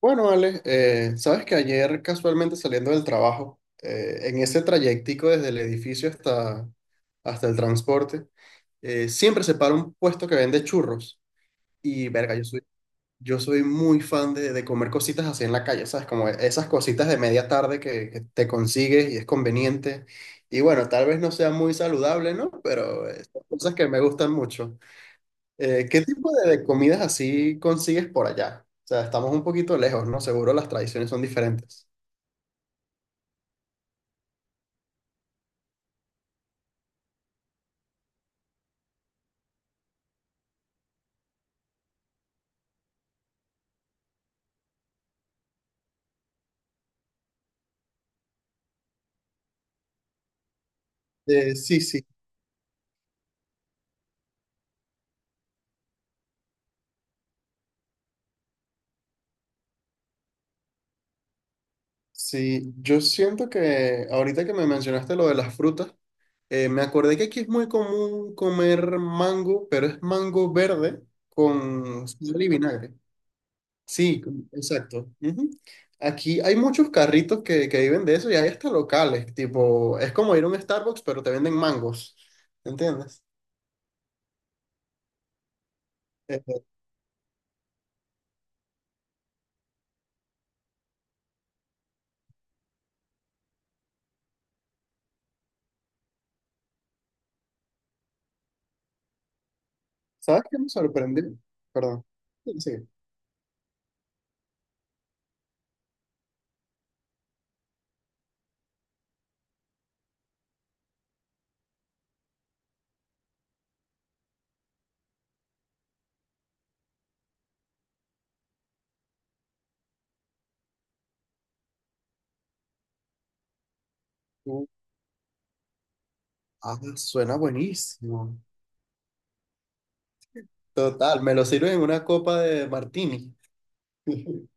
Bueno, Ale, sabes que ayer casualmente saliendo del trabajo, en ese trayectico desde el edificio hasta, hasta el transporte, siempre se para un puesto que vende churros. Y verga, yo soy muy fan de comer cositas así en la calle, ¿sabes? Como esas cositas de media tarde que te consigues y es conveniente. Y bueno, tal vez no sea muy saludable, ¿no? Pero son cosas que me gustan mucho. ¿Qué tipo de comidas así consigues por allá? O sea, estamos un poquito lejos, ¿no? Seguro las tradiciones son diferentes. Sí, sí, sí. Yo siento que ahorita que me mencionaste lo de las frutas, me acordé que aquí es muy común comer mango, pero es mango verde con sal y vinagre. Sí, exacto. Ujú. Aquí hay muchos carritos que viven de eso y hay hasta locales, tipo, es como ir a un Starbucks, pero te venden mangos, ¿entiendes? Eh, ¿Sabes qué me sorprende? Perdón. Sí. Uh, ah, suena buenísimo. Total, me lo sirven en una copa de martini.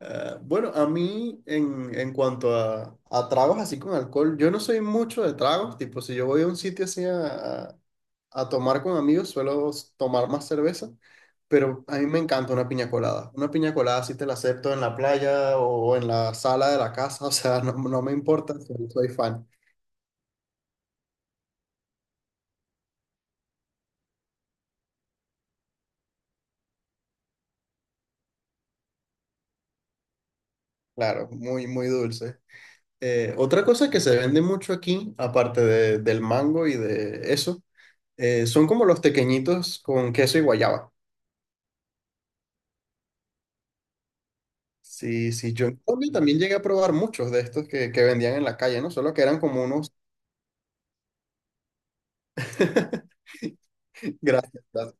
Ah, bueno, a mí en cuanto a tragos así con alcohol, yo no soy mucho de tragos, tipo si yo voy a un sitio así a tomar con amigos, suelo tomar más cerveza, pero a mí me encanta una piña colada. Una piña colada sí te la acepto en la playa o en la sala de la casa, o sea, no, no me importa, soy soy fan. Claro, muy, muy dulce. Otra cosa que se vende mucho aquí, aparte del mango y de eso, son como los tequeñitos con queso y guayaba. Sí, sí, yo en Colombia también llegué a probar muchos de estos que vendían en la calle, ¿no? Solo que eran como unos... Gracias, gracias.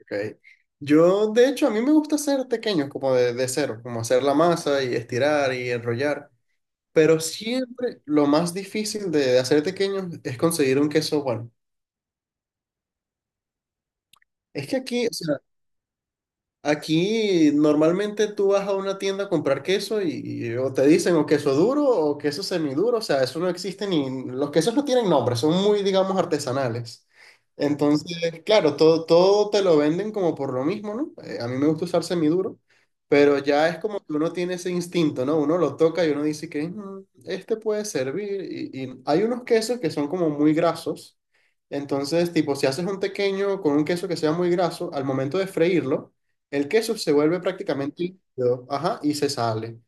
Ok. Yo, de hecho, a mí me gusta hacer tequeños como de cero, como hacer la masa y estirar y enrollar. Pero siempre lo más difícil de hacer tequeños es conseguir un queso bueno. Es que aquí, o sea, aquí normalmente tú vas a una tienda a comprar queso y o te dicen o queso duro o queso semiduro, o sea, eso no existe ni, los quesos no tienen nombre, son muy, digamos, artesanales. Entonces, claro, todo te lo venden como por lo mismo, ¿no? A mí me gusta usar semiduro, pero ya es como que uno tiene ese instinto, ¿no? Uno lo toca y uno dice que "Mm, este puede servir. Y hay unos quesos que son como muy grasos, entonces, tipo, si haces un pequeño con un queso que sea muy graso, al momento de freírlo, el queso se vuelve prácticamente líquido, ajá, y se sale.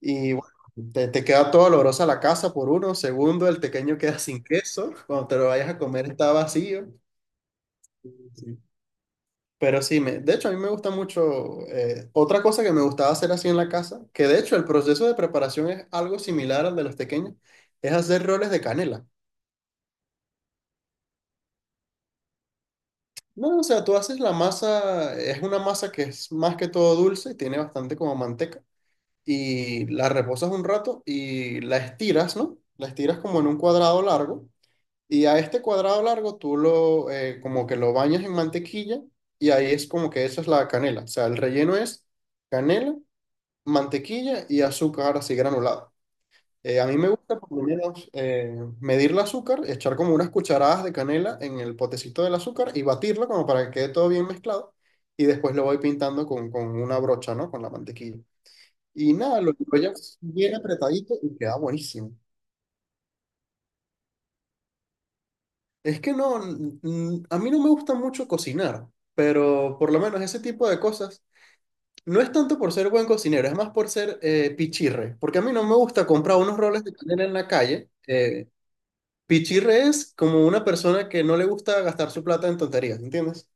Y bueno, te queda todo olorosa la casa por uno. Segundo, el pequeño queda sin queso. Cuando te lo vayas a comer está vacío. Sí. Pero sí, de hecho a mí me gusta mucho. Otra cosa que me gustaba hacer así en la casa, que de hecho el proceso de preparación es algo similar al de los tequeños, es hacer roles de canela. No, o sea, tú haces la masa, es una masa que es más que todo dulce, tiene bastante como manteca, y la reposas un rato y la estiras, ¿no? La estiras como en un cuadrado largo, y a este cuadrado largo tú lo como que lo bañas en mantequilla y ahí es como que esa es la canela. O sea, el relleno es canela, mantequilla y azúcar así granulado. A mí me gusta por lo menos medir el azúcar, echar como unas cucharadas de canela en el potecito del azúcar y batirlo como para que quede todo bien mezclado y después lo voy pintando con una brocha, ¿no? Con la mantequilla. Y nada, lo enrollas bien apretadito y queda buenísimo. Es que a mí no me gusta mucho cocinar, pero por lo menos ese tipo de cosas no es tanto por ser buen cocinero, es más por ser pichirre, porque a mí no me gusta comprar unos roles de canela en la calle. Pichirre es como una persona que no le gusta gastar su plata en tonterías, ¿entiendes?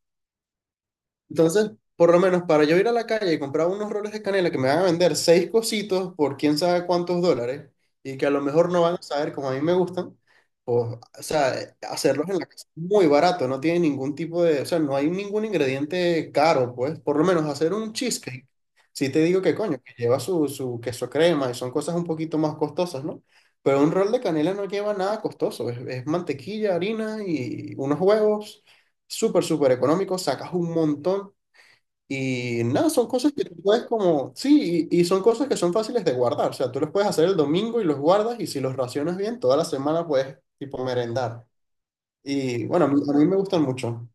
Entonces, por lo menos para yo ir a la calle y comprar unos roles de canela que me van a vender seis cositos por quién sabe cuántos dólares y que a lo mejor no van a saber como a mí me gustan, pues, o sea, hacerlos en la casa es muy barato, no tiene ningún tipo de, o sea, no hay ningún ingrediente caro, pues, por lo menos hacer un cheesecake. Si te digo que coño, que lleva su queso crema y son cosas un poquito más costosas, ¿no? Pero un rol de canela no lleva nada costoso, es mantequilla, harina y unos huevos, súper, súper económico, sacas un montón. Y nada, son cosas que tú puedes como, sí, y son cosas que son fáciles de guardar. O sea, tú los puedes hacer el domingo y los guardas y si los racionas bien, toda la semana puedes tipo merendar. Y bueno, a mí me gustan mucho.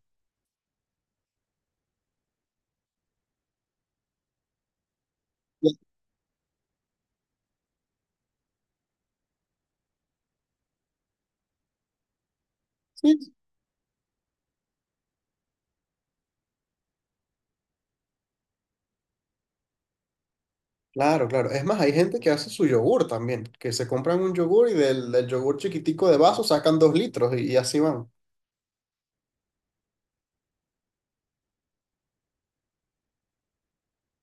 Sí, claro, claro. Es más, hay gente que hace su yogur también, que se compran un yogur y del yogur chiquitico de vaso sacan dos litros y así van.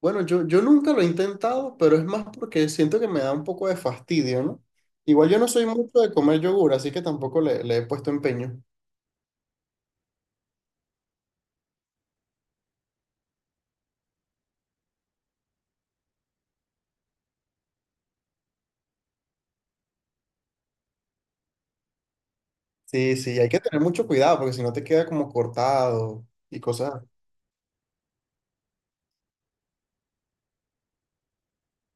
Bueno, yo nunca lo he intentado, pero es más porque siento que me da un poco de fastidio, ¿no? Igual yo no soy mucho de comer yogur, así que tampoco le he puesto empeño. Sí, sí, hay que tener mucho cuidado porque si no te queda como cortado y cosas,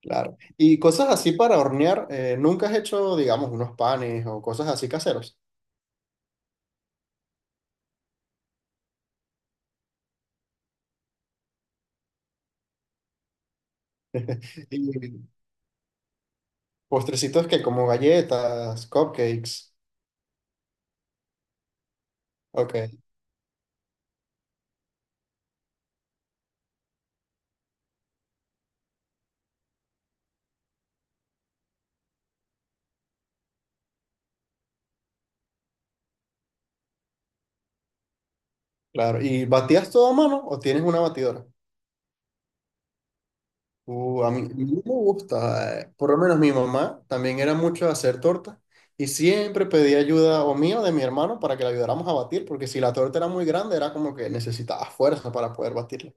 claro. Y cosas así para hornear, nunca has hecho, digamos, unos panes o cosas así caseros. Y postrecitos que como galletas, cupcakes. Ok, claro. ¿Y batías todo a mano o tienes una batidora? A mí me gusta, por lo menos mi mamá también era mucho de hacer torta y siempre pedía ayuda o mía o de mi hermano para que la ayudáramos a batir, porque si la torta era muy grande era como que necesitaba fuerza para poder batirla.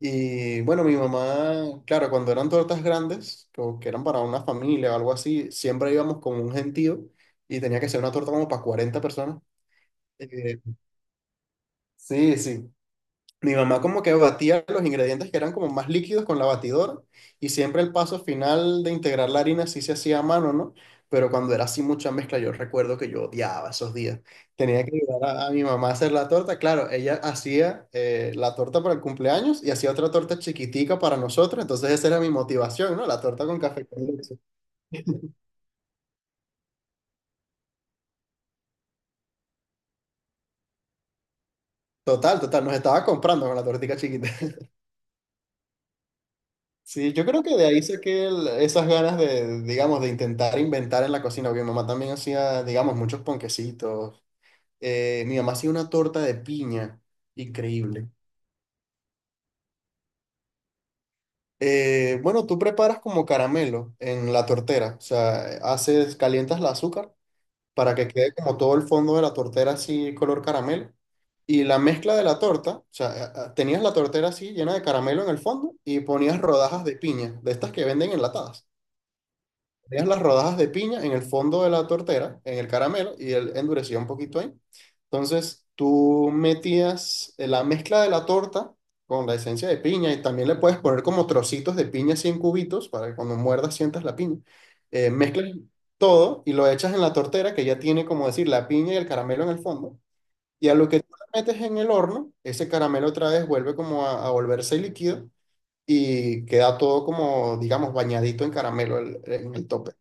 Y bueno, mi mamá, claro, cuando eran tortas grandes, o que eran para una familia o algo así, siempre íbamos con un gentío y tenía que ser una torta como para 40 personas. Eh, sí, sí, mi mamá como que batía los ingredientes que eran como más líquidos con la batidora y siempre el paso final de integrar la harina sí se hacía a mano, ¿no? Pero cuando era así mucha mezcla, yo recuerdo que yo odiaba esos días. Tenía que ayudar a mi mamá a hacer la torta. Claro, ella hacía la torta para el cumpleaños y hacía otra torta chiquitica para nosotros. Entonces esa era mi motivación, ¿no? La torta con café con leche. Total, total, nos estaba comprando con la tortica chiquita. Sí, yo creo que de ahí saqué esas ganas de, digamos, de intentar inventar en la cocina, porque mi mamá también hacía, digamos, muchos ponquecitos. Mi mamá hacía una torta de piña, increíble. Bueno, tú preparas como caramelo en la tortera, o sea, haces, calientas el azúcar para que quede como todo el fondo de la tortera así color caramelo. Y la mezcla de la torta, o sea, tenías la tortera así llena de caramelo en el fondo y ponías rodajas de piña, de estas que venden enlatadas. Dejas las rodajas de piña en el fondo de la tortera, en el caramelo, y él endurecía un poquito ahí. Entonces, tú metías la mezcla de la torta con la esencia de piña y también le puedes poner como trocitos de piña así en cubitos para que cuando muerdas sientas la piña. Mezclas todo y lo echas en la tortera que ya tiene, como decir, la piña y el caramelo en el fondo. Y a lo que tú la metes en el horno, ese caramelo otra vez vuelve como a volverse líquido y queda todo como, digamos, bañadito en caramelo en el tope.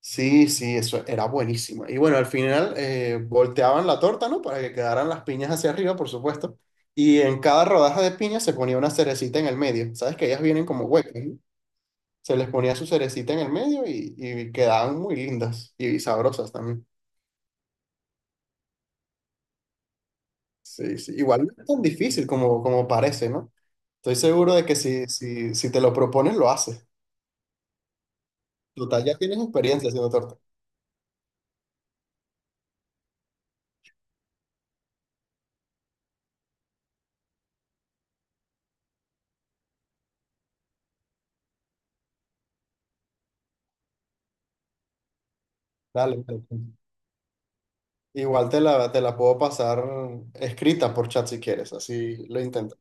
Sí, sí, eso era buenísimo. Y bueno, al final volteaban la torta, ¿no? Para que quedaran las piñas hacia arriba, por supuesto. Y en cada rodaja de piña se ponía una cerecita en el medio. Sabes que ellas vienen como huecas, ¿no? Se les ponía su cerecita en el medio y quedaban muy lindas y sabrosas también. Sí, sí. Igual no es tan difícil como, como parece, ¿no? Estoy seguro de que si te lo propones, lo haces. Total, ya tienes experiencia haciendo torta. Dale, dale. Igual te la puedo pasar escrita por chat si quieres, así lo intentas.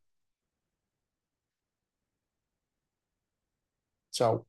Chao.